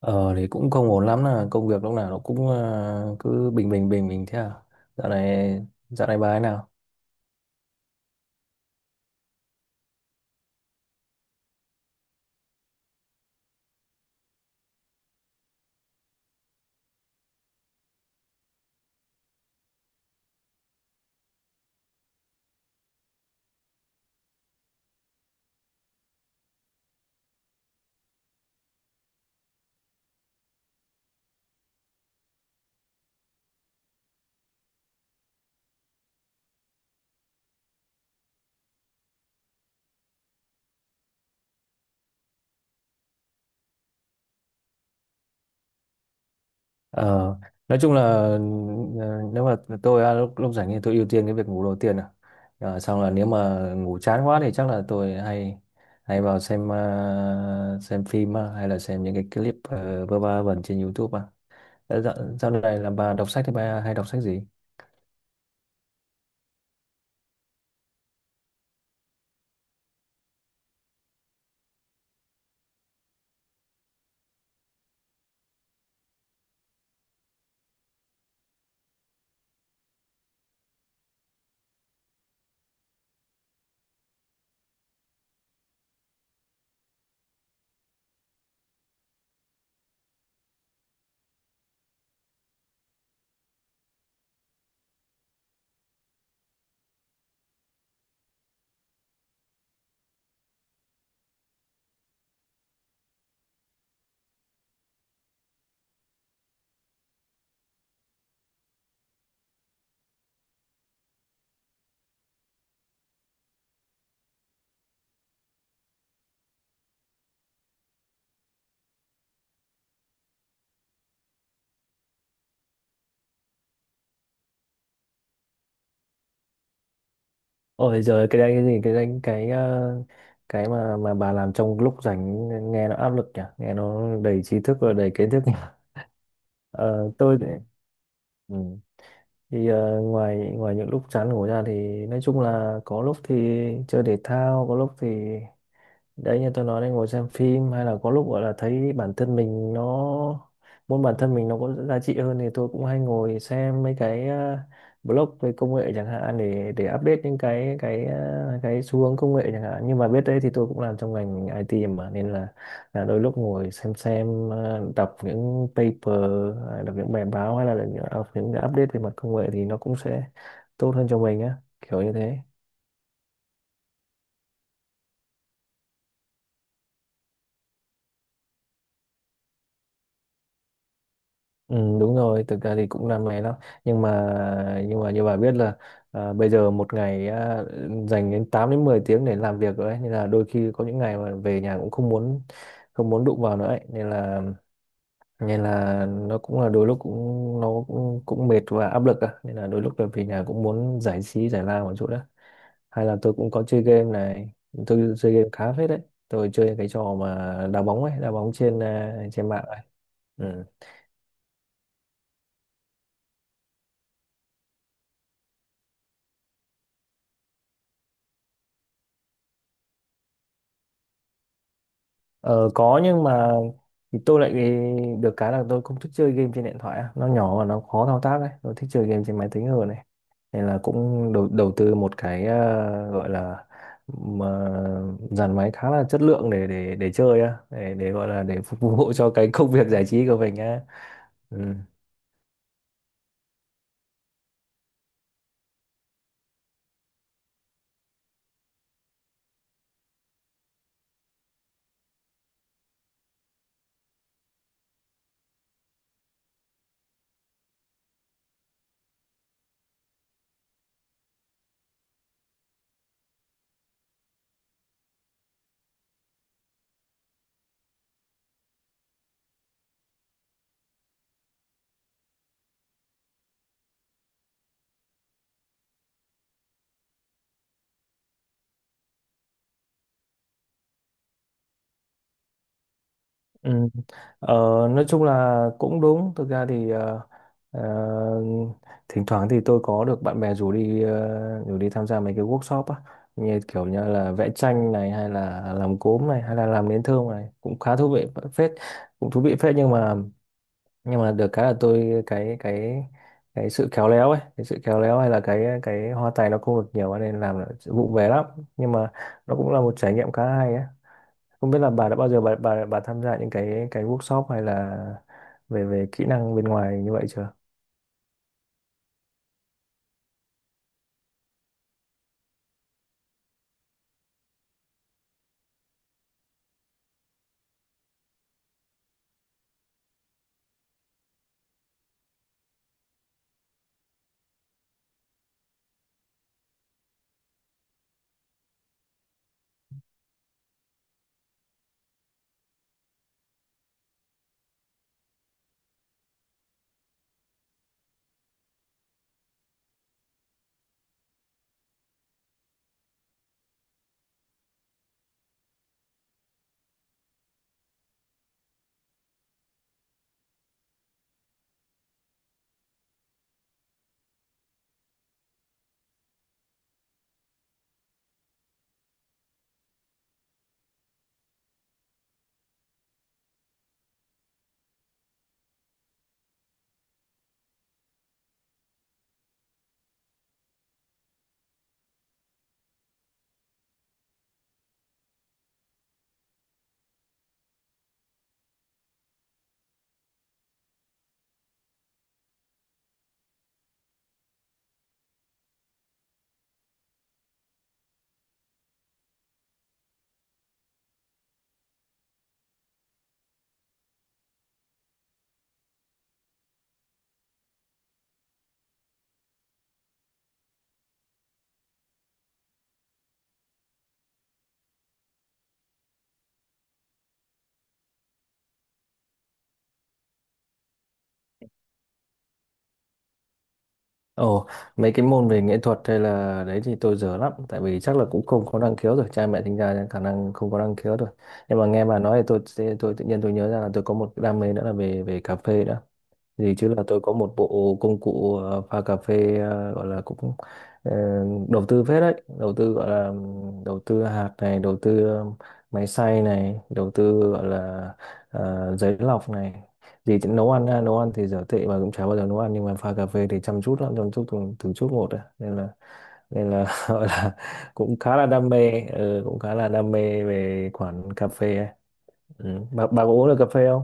Ờ thì cũng không ổn lắm là công việc lúc nào nó cũng cứ bình bình bình bình thế à. Dạo này dạo này bà ấy nào? Ờ nói chung là nếu mà tôi à, lúc lúc rảnh thì tôi ưu tiên cái việc ngủ đầu tiên à. Ờ, xong là nếu mà ngủ chán quá thì chắc là tôi hay hay vào xem xem phim à, hay là xem những cái clip vơ va vẩn trên YouTube à. Ờ, Dạo, dạo này là bà đọc sách thì bà hay đọc sách gì? Ôi giời cái đấy cái gì cái đấy cái ờ, cái mà bà làm trong lúc rảnh nghe nó áp lực nhỉ, nghe nó đầy trí thức và đầy kiến thức nhỉ. Ờ, ừ. Thì ngoài ngoài những lúc chán ngủ ra thì nói chung là có lúc thì chơi thể thao, có lúc thì đấy như tôi nói đây ngồi xem phim, hay là có lúc gọi là thấy bản thân mình nó muốn bản thân mình nó có giá trị hơn thì tôi cũng hay ngồi xem mấy cái blog về công nghệ chẳng hạn, để update những cái xu hướng công nghệ chẳng hạn. Nhưng mà biết đấy thì tôi cũng làm trong ngành IT mà, nên là đôi lúc ngồi đọc những paper, đọc những bài báo, hay là đọc những cái update về mặt công nghệ thì nó cũng sẽ tốt hơn cho mình á, kiểu như thế. Ừ, đúng rồi, thực ra thì cũng đam mê lắm nhưng mà như bà biết là à, bây giờ một ngày à, dành đến 8 đến 10 tiếng để làm việc rồi ấy. Nên là đôi khi có những ngày mà về nhà cũng không muốn đụng vào nữa ấy. Nên là nó cũng là đôi lúc cũng cũng mệt và áp lực á. Nên là đôi lúc là về nhà cũng muốn giải trí giải lao một chút đó, hay là tôi cũng có chơi game này, tôi chơi game khá phết đấy, tôi chơi cái trò mà đá bóng ấy, đá bóng trên à, trên mạng ấy. Ừ. Ờ, có nhưng mà thì tôi lại được cái là tôi không thích chơi game trên điện thoại á. Nó nhỏ và nó khó thao tác đấy, tôi thích chơi game trên máy tính hơn này, nên là cũng đầu đầu tư một cái ờ, gọi là mà dàn máy khá là chất lượng để chơi á, để gọi là để phục vụ cho cái công việc giải trí của mình á. Ừ. Ừ. Ờ, nói chung là cũng đúng, thực ra thì ờ, thỉnh thoảng thì tôi có được bạn bè rủ đi rủ đi tham gia mấy cái workshop á, như kiểu như là vẽ tranh này, hay là làm cốm này, hay là làm nến thơm này, cũng khá thú vị phết, cũng thú vị phết. Nhưng mà được cái là tôi cái sự khéo léo ấy, cái sự khéo léo hay là cái hoa tay nó không được nhiều nên làm là vụ về lắm, nhưng mà nó cũng là một trải nghiệm khá hay ấy. Không biết là bà đã bao giờ bà tham gia những cái workshop hay là về về kỹ năng bên ngoài như vậy chưa? Ồ, mấy cái môn về nghệ thuật hay là đấy thì tôi dở lắm, tại vì chắc là cũng không có năng khiếu rồi, cha mẹ sinh ra khả năng không có năng khiếu rồi. Nhưng mà nghe bà nói thì tôi tự nhiên tôi nhớ ra là tôi có một cái đam mê nữa là về về cà phê nữa. Gì chứ là tôi có một bộ công cụ pha cà phê, gọi là cũng ờ, đầu tư phết đấy, đầu tư gọi là đầu tư hạt này, đầu tư máy xay này, đầu tư gọi là giấy lọc này. Gì chứ nấu ăn ha, nấu ăn thì dở tệ mà cũng chả bao giờ nấu ăn, nhưng mà pha cà phê thì chăm chút lắm, chăm chút từng chút một đấy. Nên là nên là gọi là cũng khá là đam mê, ừ, cũng khá là đam mê về khoản cà phê ấy. Ừ. Bà có uống được cà phê không?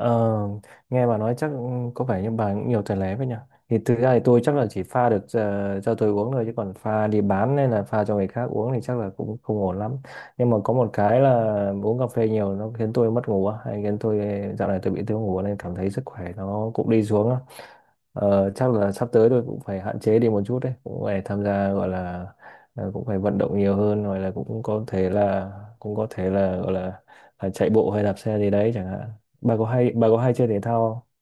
Ờ, nghe bà nói chắc có vẻ như bà cũng nhiều tài lé vậy nhỉ. Thì thực ra thì tôi chắc là chỉ pha được cho tôi uống thôi, chứ còn pha đi bán hay là pha cho người khác uống thì chắc là cũng không ổn lắm. Nhưng mà có một cái là uống cà phê nhiều nó khiến tôi mất ngủ á, hay khiến tôi dạo này tôi bị thiếu ngủ nên cảm thấy sức khỏe nó cũng đi xuống á. Ờ, chắc là sắp tới tôi cũng phải hạn chế đi một chút đấy, cũng phải tham gia gọi là cũng phải vận động nhiều hơn, rồi là cũng có thể là gọi là chạy bộ hay đạp xe gì đấy chẳng hạn. Bà có hay chơi thể thao không?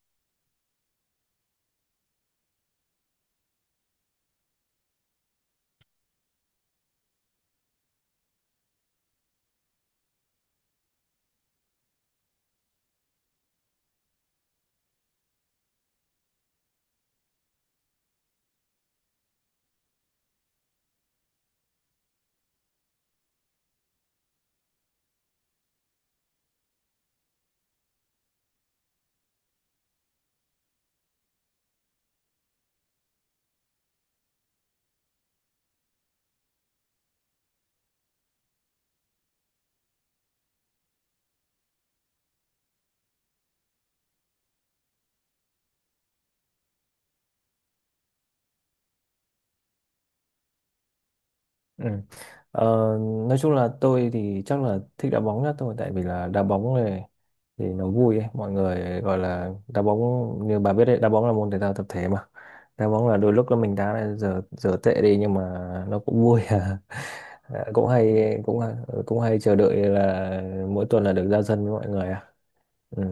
Ừ. Ờ, nói chung là tôi thì chắc là thích đá bóng nhất thôi, tại vì là đá bóng này thì nó vui ấy, mọi người gọi là đá bóng, như bà biết đấy đá bóng là môn thể thao tập thể mà. Đá bóng là đôi lúc là mình đá là giờ giờ tệ đi nhưng mà nó cũng vui à. Ờ, cũng hay cũng hay chờ đợi là mỗi tuần là được ra sân với mọi người à. Ừ.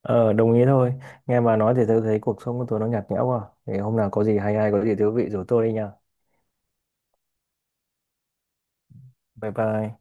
Ờ, đồng ý thôi. Nghe bà nói thì tôi thấy cuộc sống của tôi nó nhạt nhẽo quá. Thì hôm nào có gì hay hay có gì thú vị rủ tôi đi nha. Bye bye.